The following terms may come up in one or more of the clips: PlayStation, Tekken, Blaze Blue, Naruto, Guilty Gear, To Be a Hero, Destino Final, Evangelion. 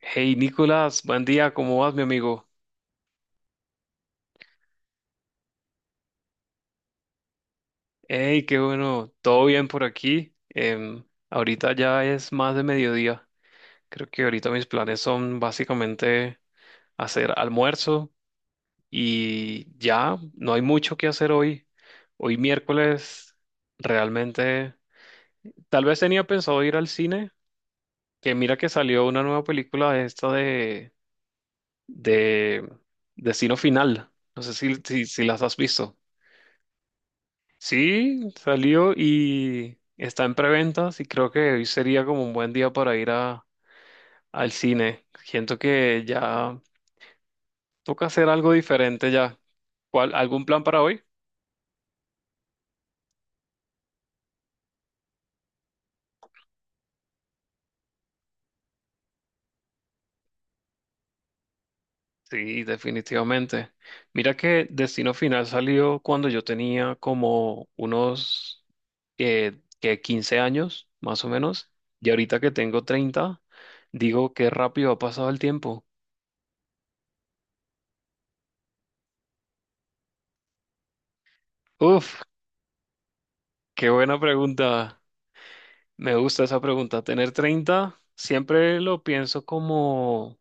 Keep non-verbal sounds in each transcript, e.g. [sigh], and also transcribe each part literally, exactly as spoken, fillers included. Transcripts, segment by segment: Hey Nicolás, buen día, ¿cómo vas, mi amigo? Hey, qué bueno, todo bien por aquí. Em, ahorita ya es más de mediodía. Creo que ahorita mis planes son básicamente hacer almuerzo y ya no hay mucho que hacer hoy. Hoy miércoles, realmente, tal vez tenía pensado ir al cine, que mira que salió una nueva película esta de, de Destino Final. No sé si, si, si las has visto. Sí, salió y está en preventas y creo que hoy sería como un buen día para ir a, al cine. Siento que ya toca hacer algo diferente ya. ¿Cuál, algún plan para hoy? Sí, definitivamente. Mira que Destino Final salió cuando yo tenía como unos eh, que quince años, más o menos, y ahorita que tengo treinta, digo qué rápido ha pasado el tiempo. Uf, qué buena pregunta. Me gusta esa pregunta. Tener treinta siempre lo pienso como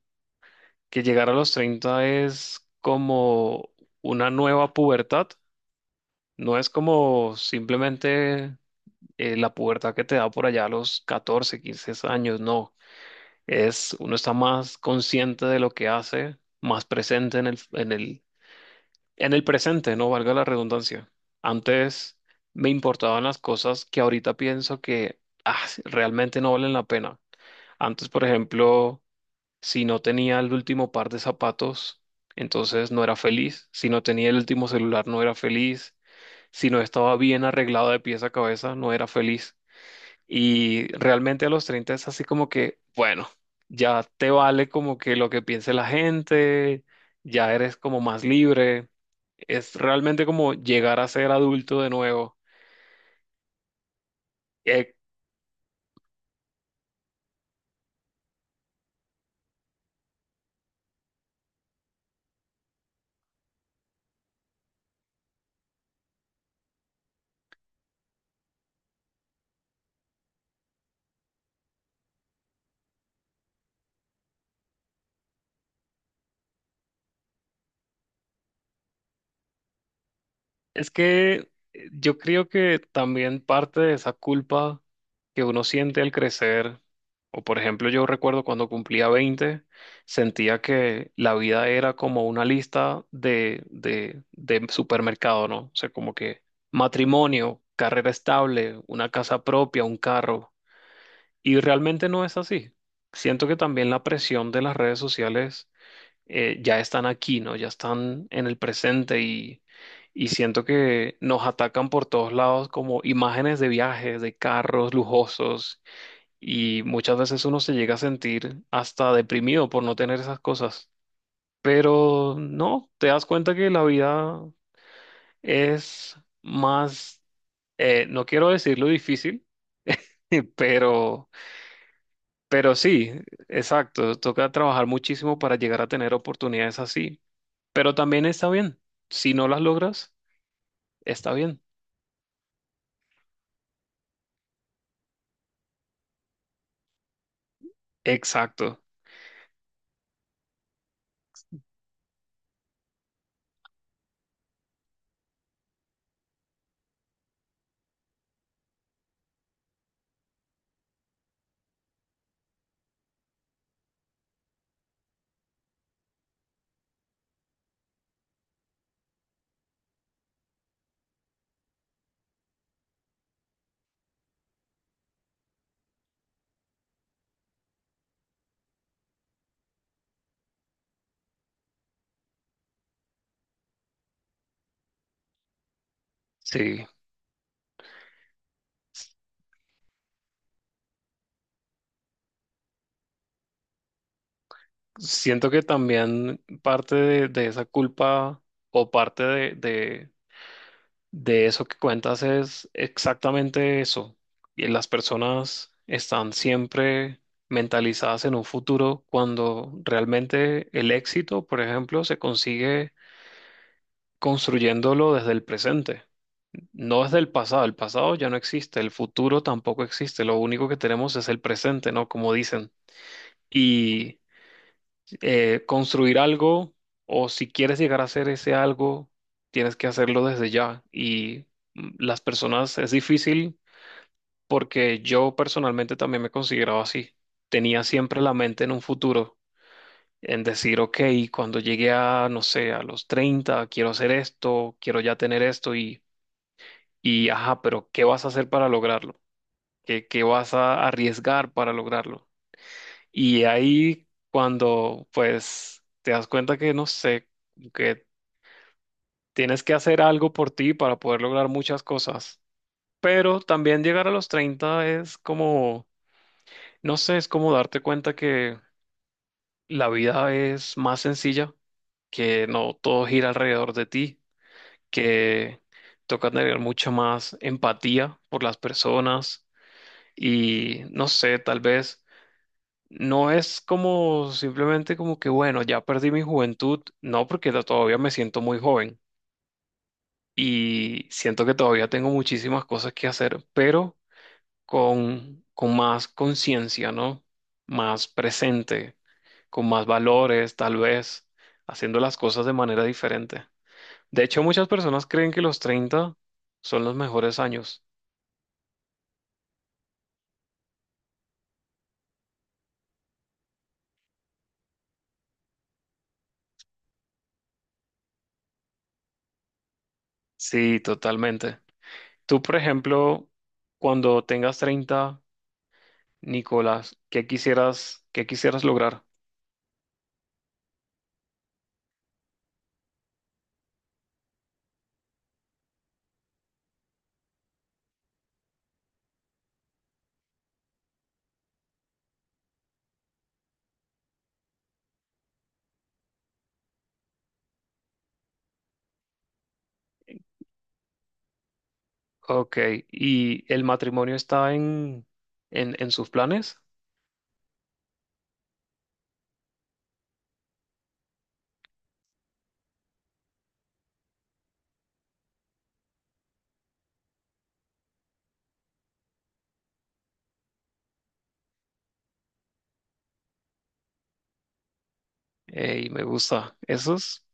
que llegar a los treinta es como una nueva pubertad. No es como simplemente eh, la pubertad que te da por allá a los catorce quince años, no. Es, uno está más consciente de lo que hace, más presente en el, en el, en el presente, no valga la redundancia. Antes me importaban las cosas que ahorita pienso que ah, realmente no valen la pena. Antes, por ejemplo, si no tenía el último par de zapatos, entonces no era feliz. Si no tenía el último celular, no era feliz. Si no estaba bien arreglado de pies a cabeza, no era feliz. Y realmente a los treinta es así como que, bueno, ya te vale como que lo que piense la gente, ya eres como más libre. Es realmente como llegar a ser adulto de nuevo. Eh, Es que eh, yo creo que también parte de esa culpa que uno siente al crecer, o por ejemplo yo recuerdo cuando cumplía veinte, sentía que la vida era como una lista de, de, de supermercado, ¿no? O sea, como que matrimonio, carrera estable, una casa propia, un carro. Y realmente no es así. Siento que también la presión de las redes sociales eh, ya están aquí, ¿no? Ya están en el presente y, y siento que nos atacan por todos lados como imágenes de viajes, de carros lujosos y muchas veces uno se llega a sentir hasta deprimido por no tener esas cosas. Pero no, te das cuenta que la vida es más, eh, no quiero decirlo difícil, [laughs] pero, pero sí, exacto, toca trabajar muchísimo para llegar a tener oportunidades así. Pero también está bien. Si no las logras, está bien. Exacto. Sí. Siento que también parte de, de esa culpa o parte de, de, de eso que cuentas es exactamente eso. Y las personas están siempre mentalizadas en un futuro cuando realmente el éxito, por ejemplo, se consigue construyéndolo desde el presente. No es del pasado, el pasado ya no existe, el futuro tampoco existe, lo único que tenemos es el presente, ¿no? Como dicen. Y eh, construir algo, o si quieres llegar a hacer ese algo, tienes que hacerlo desde ya. Y mm, las personas es difícil porque yo personalmente también me consideraba así. Tenía siempre la mente en un futuro, en decir, ok, cuando llegué a, no sé, a los treinta quiero hacer esto, quiero ya tener esto y, y, ajá, pero ¿qué vas a hacer para lograrlo? ¿Qué, qué vas a arriesgar para lograrlo? Y ahí cuando pues te das cuenta que no sé, que tienes que hacer algo por ti para poder lograr muchas cosas. Pero también llegar a los treinta es como, no sé, es como darte cuenta que la vida es más sencilla, que no todo gira alrededor de ti, que toca tener mucha más empatía por las personas y no sé, tal vez no es como simplemente como que, bueno, ya perdí mi juventud, no, porque to- todavía me siento muy joven y siento que todavía tengo muchísimas cosas que hacer, pero con, con más conciencia, ¿no? Más presente, con más valores, tal vez, haciendo las cosas de manera diferente. De hecho, muchas personas creen que los treinta son los mejores años. Sí, totalmente. Tú, por ejemplo, cuando tengas treinta Nicolás, ¿qué quisieras, qué quisieras lograr? Ok, ¿y el matrimonio está en, en, en sus planes? Y me gusta. Eso es,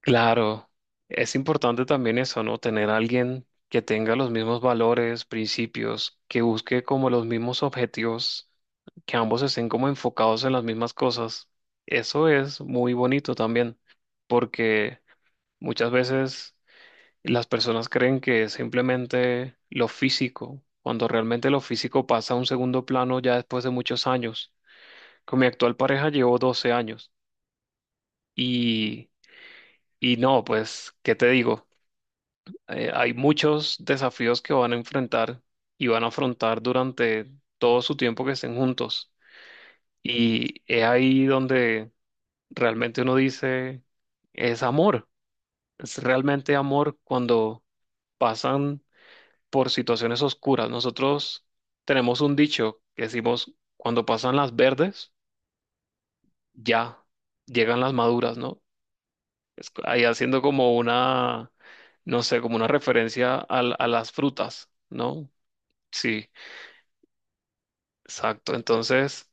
claro, es importante también eso, ¿no? Tener a alguien que tenga los mismos valores, principios, que busque como los mismos objetivos, que ambos estén como enfocados en las mismas cosas. Eso es muy bonito también, porque muchas veces las personas creen que es simplemente lo físico, cuando realmente lo físico pasa a un segundo plano ya después de muchos años. Con mi actual pareja llevo doce años y, y no, pues, ¿qué te digo? Eh, hay muchos desafíos que van a enfrentar y van a afrontar durante todo su tiempo que estén juntos. Y es ahí donde realmente uno dice, es amor, es realmente amor cuando pasan por situaciones oscuras. Nosotros tenemos un dicho que decimos, cuando pasan las verdes, ya llegan las maduras, ¿no? Es c- ahí haciendo como una, no sé, como una referencia al- a las frutas, ¿no? Sí, exacto. Entonces,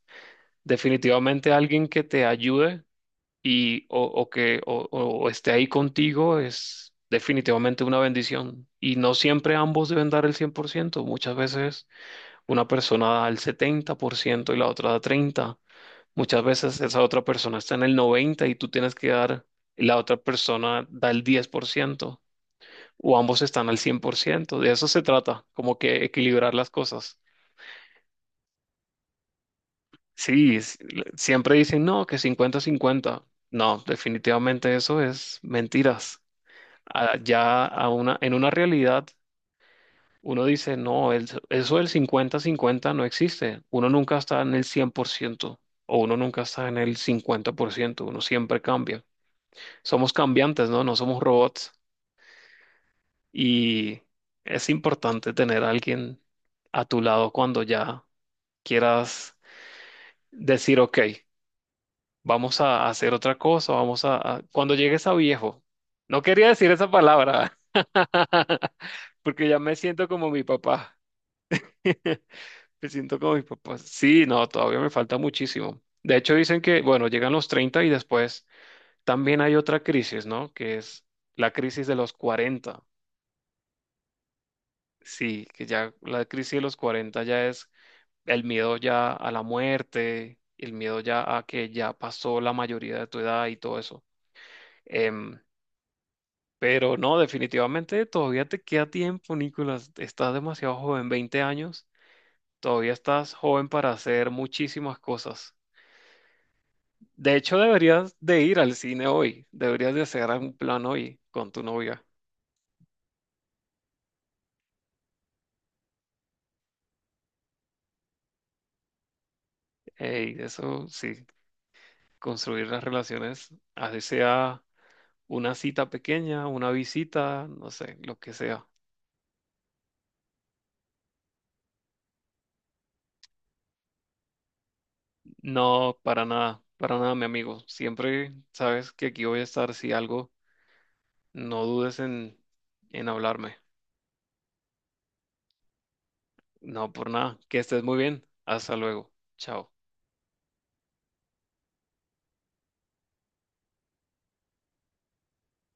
definitivamente alguien que te ayude y o, o que o, o- o esté ahí contigo es definitivamente una bendición. Y no siempre ambos deben dar el cien por ciento. Muchas veces una persona da el setenta por ciento y la otra da treinta por ciento. Muchas veces esa otra persona está en el noventa por ciento y tú tienes que dar, y la otra persona da el diez por ciento, o ambos están al cien por ciento. De eso se trata, como que equilibrar las cosas. Sí, es- siempre dicen, no, que cincuenta cincuenta. No, definitivamente eso es mentiras. Ah, ya a una, en una realidad uno dice, no, el- eso del cincuenta cincuenta no existe. Uno nunca está en el cien por ciento o uno nunca está en el cincuenta por ciento. Uno siempre cambia. Somos cambiantes, ¿no? No somos robots. Y es importante tener a alguien a tu lado cuando ya quieras decir, ok, vamos a hacer otra cosa, vamos a... a-". Cuando llegues a viejo. No quería decir esa palabra, [laughs] porque ya me siento como mi papá. [laughs] Me siento como mis papás. Sí, no, todavía me falta muchísimo. De hecho, dicen que, bueno, llegan los treinta y después también hay otra crisis, ¿no? Que es la crisis de los cuarenta. Sí, que ya la crisis de los cuarenta ya es el miedo ya a la muerte, el miedo ya a que ya pasó la mayoría de tu edad y todo eso. Em, pero no, definitivamente todavía te queda tiempo, Nicolás. Estás demasiado joven, veinte años. Todavía estás joven para hacer muchísimas cosas. De hecho, deberías de ir al cine hoy, deberías de hacer un plan hoy con tu novia. Eh, Y eso sí, construir las relaciones, así sea una cita pequeña, una visita, no sé, lo que sea. No, para nada, para nada, mi amigo. Siempre sabes que aquí voy a estar, si algo, no dudes en, en hablarme. No, por nada, que estés muy bien. Hasta luego. Chao.